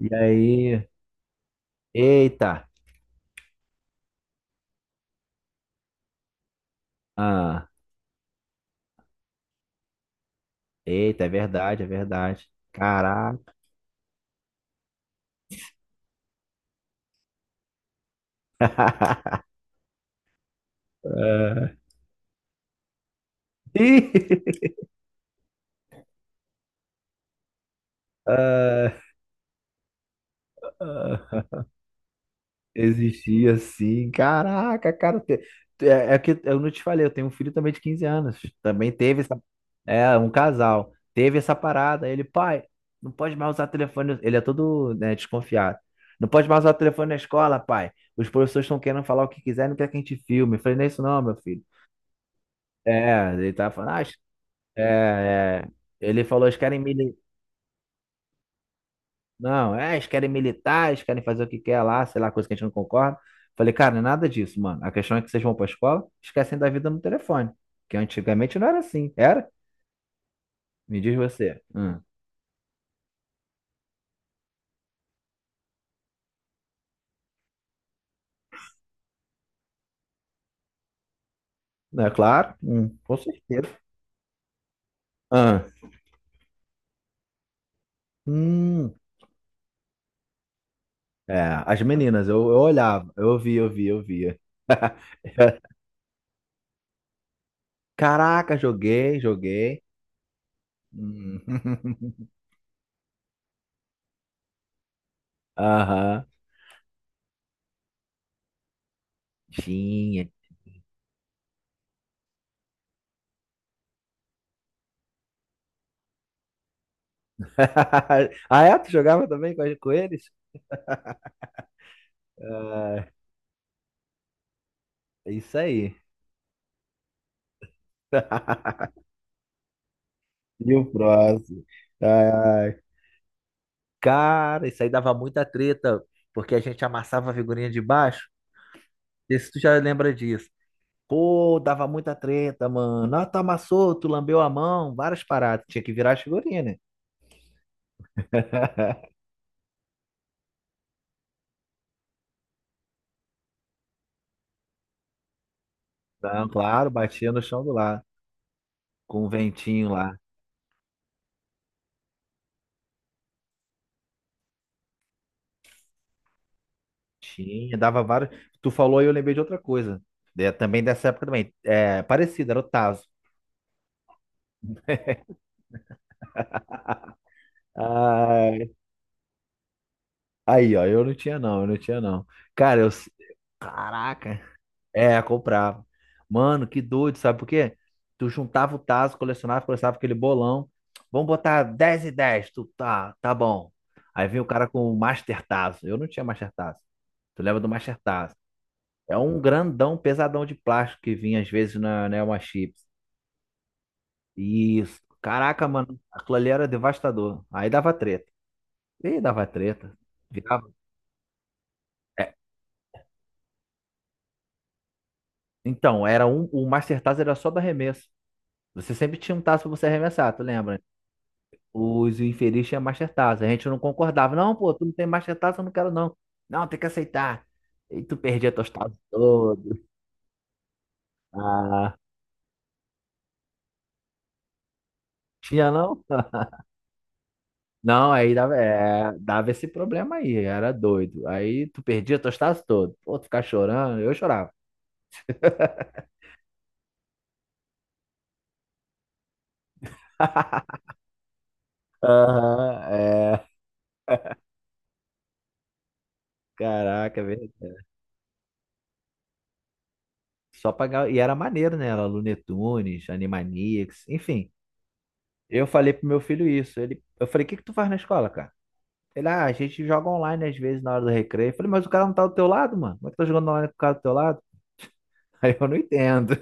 E aí? Eita! Ah, eita, é verdade, é verdade. Caraca! Ah, ih, ah, ah, existia assim. Caraca, cara. É que eu não te falei, eu tenho um filho também de 15 anos. Também teve essa. É, um casal. Teve essa parada. Ele, pai, não pode mais usar telefone. Ele é todo, né, desconfiado. Não pode mais usar telefone na escola, pai. Os professores estão querendo falar o que quiser, não quer que a gente filme. Eu falei, não é isso não, meu filho. É, ele tá falando, ah, é, é. Ele falou, eles querem militar. Não, é, eles querem militar, eles querem fazer o que quer lá, sei lá, coisa que a gente não concorda. Falei, cara, não é nada disso, mano. A questão é que vocês vão pra escola, esquecem da vida no telefone. Que antigamente não era assim, era? Me diz você. Hum. Não é claro? Com certeza. Ah, hum. É, as meninas, eu olhava, eu via, eu via, eu via. Caraca, joguei, joguei. Hum. Aham. Tinha, ah, é? Tu jogava também com eles? É isso aí. E o próximo? Ai, ai. Cara, isso aí dava muita treta, porque a gente amassava a figurinha de baixo. Não sei se tu já lembra disso. Pô, dava muita treta, mano. Ah, tu amassou, tu lambeu a mão, várias paradas. Tinha que virar as figurinhas, né? Não, claro, batia no chão do lado, com o ventinho lá. Tinha, dava vários. Tu falou e eu lembrei de outra coisa. É, também dessa época também. É, parecido, era o Tazo. Ai, aí, ó, eu não tinha não, eu não tinha não. Cara, eu. Caraca. É, comprava. Mano, que doido, sabe por quê? Tu juntava o tazo, colecionava, colecionava aquele bolão. Vamos botar 10 e 10. Tu, tá, tá bom. Aí vinha o cara com o Master Tazo. Eu não tinha Master Tazo. Tu leva do Master Tazo. É um grandão, pesadão de plástico que vinha às vezes na Nelma Chips. Isso. Caraca, mano, aquilo ali era devastador. Aí dava treta. Ih, dava treta. Virava. Então, era um, o Master Tazo era só do arremesso. Você sempre tinha um tazo pra você arremessar, tu lembra? Os infeliz tinham Master Tazo. A gente não concordava. Não, pô, tu não tem Master Tazo, eu não quero não. Não, tem que aceitar. E tu perdia teus tazos todos. Ah, tinha não? Não, aí dava, é, dava esse problema aí, era doido. Aí tu perdia teus tazos todos. Pô, tu ficava chorando, eu chorava. Aham, é. Caraca, velho. Só pagar. E era maneiro, né? Era Looney Tunes, Animaniacs, enfim. Eu falei pro meu filho isso. Ele, eu falei, o que que tu faz na escola, cara? Ele, ah, a gente joga online às vezes na hora do recreio. Eu falei, mas o cara não tá do teu lado, mano? Como é que tá jogando online com o cara do teu lado? Aí eu não entendo.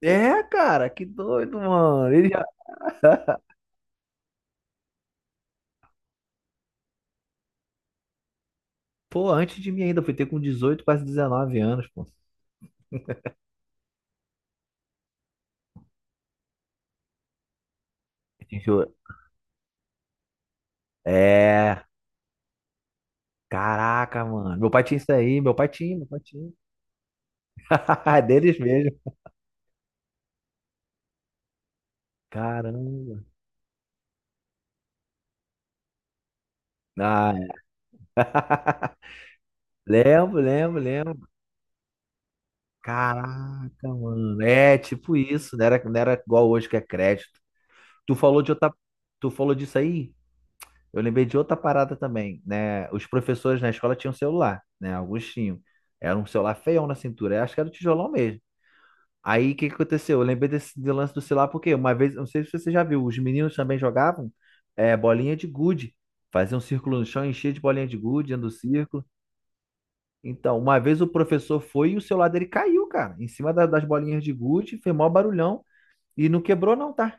É, cara, que doido, mano. Ele já, pô, antes de mim ainda, foi ter com 18, quase 19 anos, pô. Juro. É, caraca, mano. Meu pai tinha isso aí, meu pai tinha, meu pai tinha. Deles mesmo. Caramba. Ah, é. Lembro, lembro, lembro. Caraca, mano. É tipo isso, não era igual hoje que é crédito. Tu falou de outra, Tu falou disso aí? Eu lembrei de outra parada também, né? Os professores na escola tinham celular, né? Alguns tinham. Era um celular feião na cintura, eu acho que era o tijolão mesmo. Aí o que que aconteceu? Eu lembrei desse do lance do celular porque uma vez, eu não sei se você já viu, os meninos também jogavam bolinha de gude. Faziam um círculo no chão, enchia de bolinha de gude dentro do círculo. Então, uma vez o professor foi e o celular dele caiu, cara, em cima das bolinhas de gude, fez maior barulhão e não quebrou não, tá?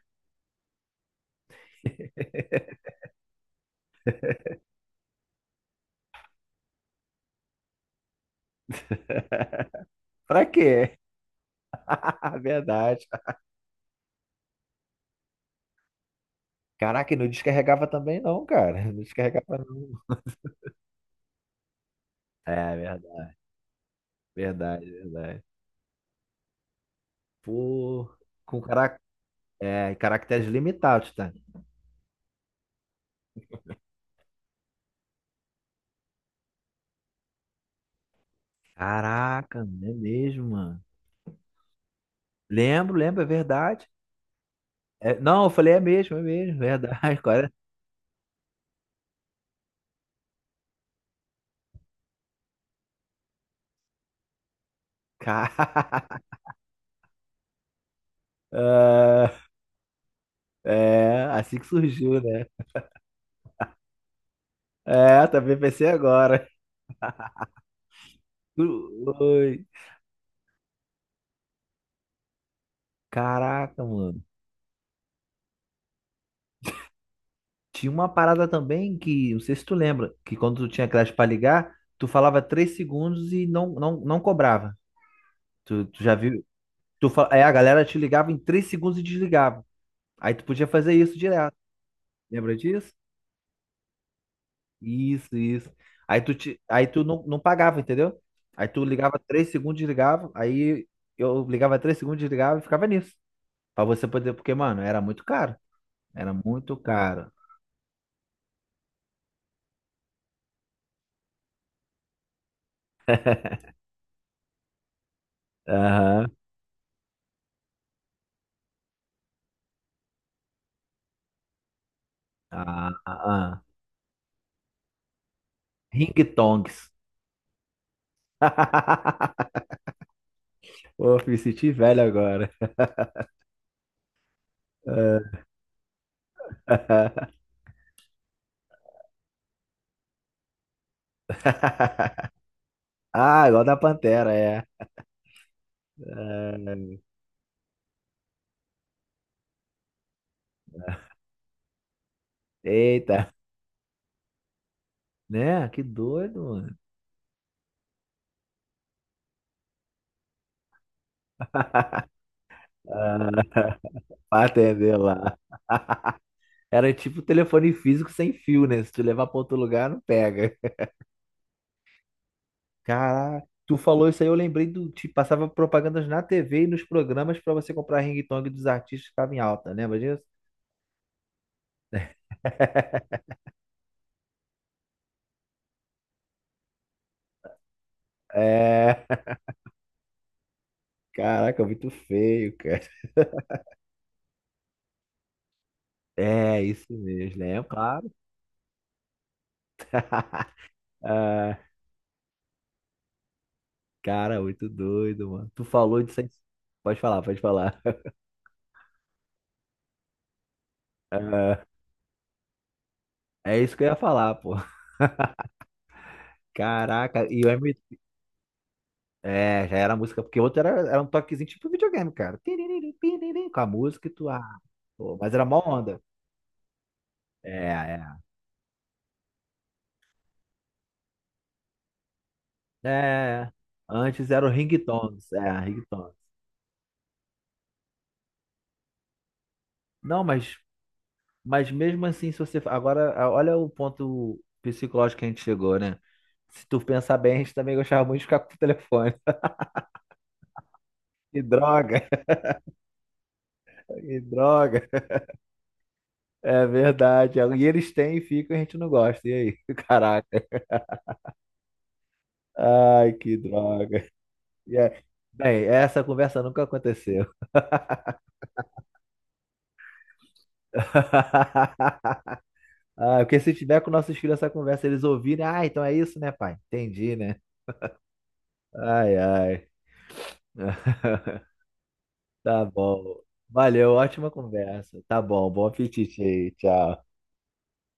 Pra quê? Verdade. Caraca, e não descarregava também não, cara. Não descarregava não. É, verdade, verdade, verdade. Pô, com carac... é, caracteres limitados, tá? Caraca, não é mesmo, mano. Lembro, lembro, é verdade. É, não, eu falei, é mesmo, é mesmo, é verdade. Agora, cara, ah, é assim que surgiu, né? É, tá PPC agora. Ui, caraca, mano. Tinha uma parada também que, não sei se tu lembra, que quando tu tinha crédito pra ligar, tu falava 3 segundos e não cobrava. Tu já viu? A galera te ligava em 3 segundos e desligava. Aí tu podia fazer isso direto. Lembra disso? Isso, isso. Aí tu não pagava, entendeu? Aí tu ligava 3 segundos, desligava. Aí eu ligava 3 segundos, desligava e ficava nisso. Pra você poder, porque, mano, era muito caro. Era muito caro. Aham. Ah, ah, ah. Ring Tongs. Pô, me senti velho agora. Ah, ah, igual da Pantera, é. Ah, eita, né? Que doido, mano. Ah, pra atender lá. Era tipo telefone físico sem fio, né? Se tu levar pra outro lugar, não pega. Caraca, tu falou isso aí, eu lembrei do. Te passava propagandas na TV e nos programas pra você comprar ringtone dos artistas que estavam em alta, lembra disso? É. Caraca, muito feio, cara. É, isso mesmo, né? Claro. Ah, cara, muito doido, mano. Tu falou disso aí. Pode falar, pode falar. Ah, é isso que eu ia falar, pô. Caraca, e o M... É, já era a música, porque o outro era um toquezinho tipo videogame, cara. Tiriri, piriri, com a música e tu... Ah, pô, mas era mó onda. É, é. É, antes era o ringtones, é, ringtones. Não, mas mesmo assim, se você. Agora, olha o ponto psicológico que a gente chegou, né? Se tu pensar bem, a gente também gostava muito de ficar com o telefone. E droga, e droga. É verdade. E eles têm e ficam e a gente não gosta. E aí? Caraca. Ai, que droga. E é- Bem, essa conversa nunca aconteceu. Ah, porque se tiver com nossos filhos essa conversa, eles ouvirem, ah, então é isso, né, pai? Entendi, né? Ai, ai. Tá bom. Valeu, ótima conversa. Tá bom, bom apetite aí. Tchau.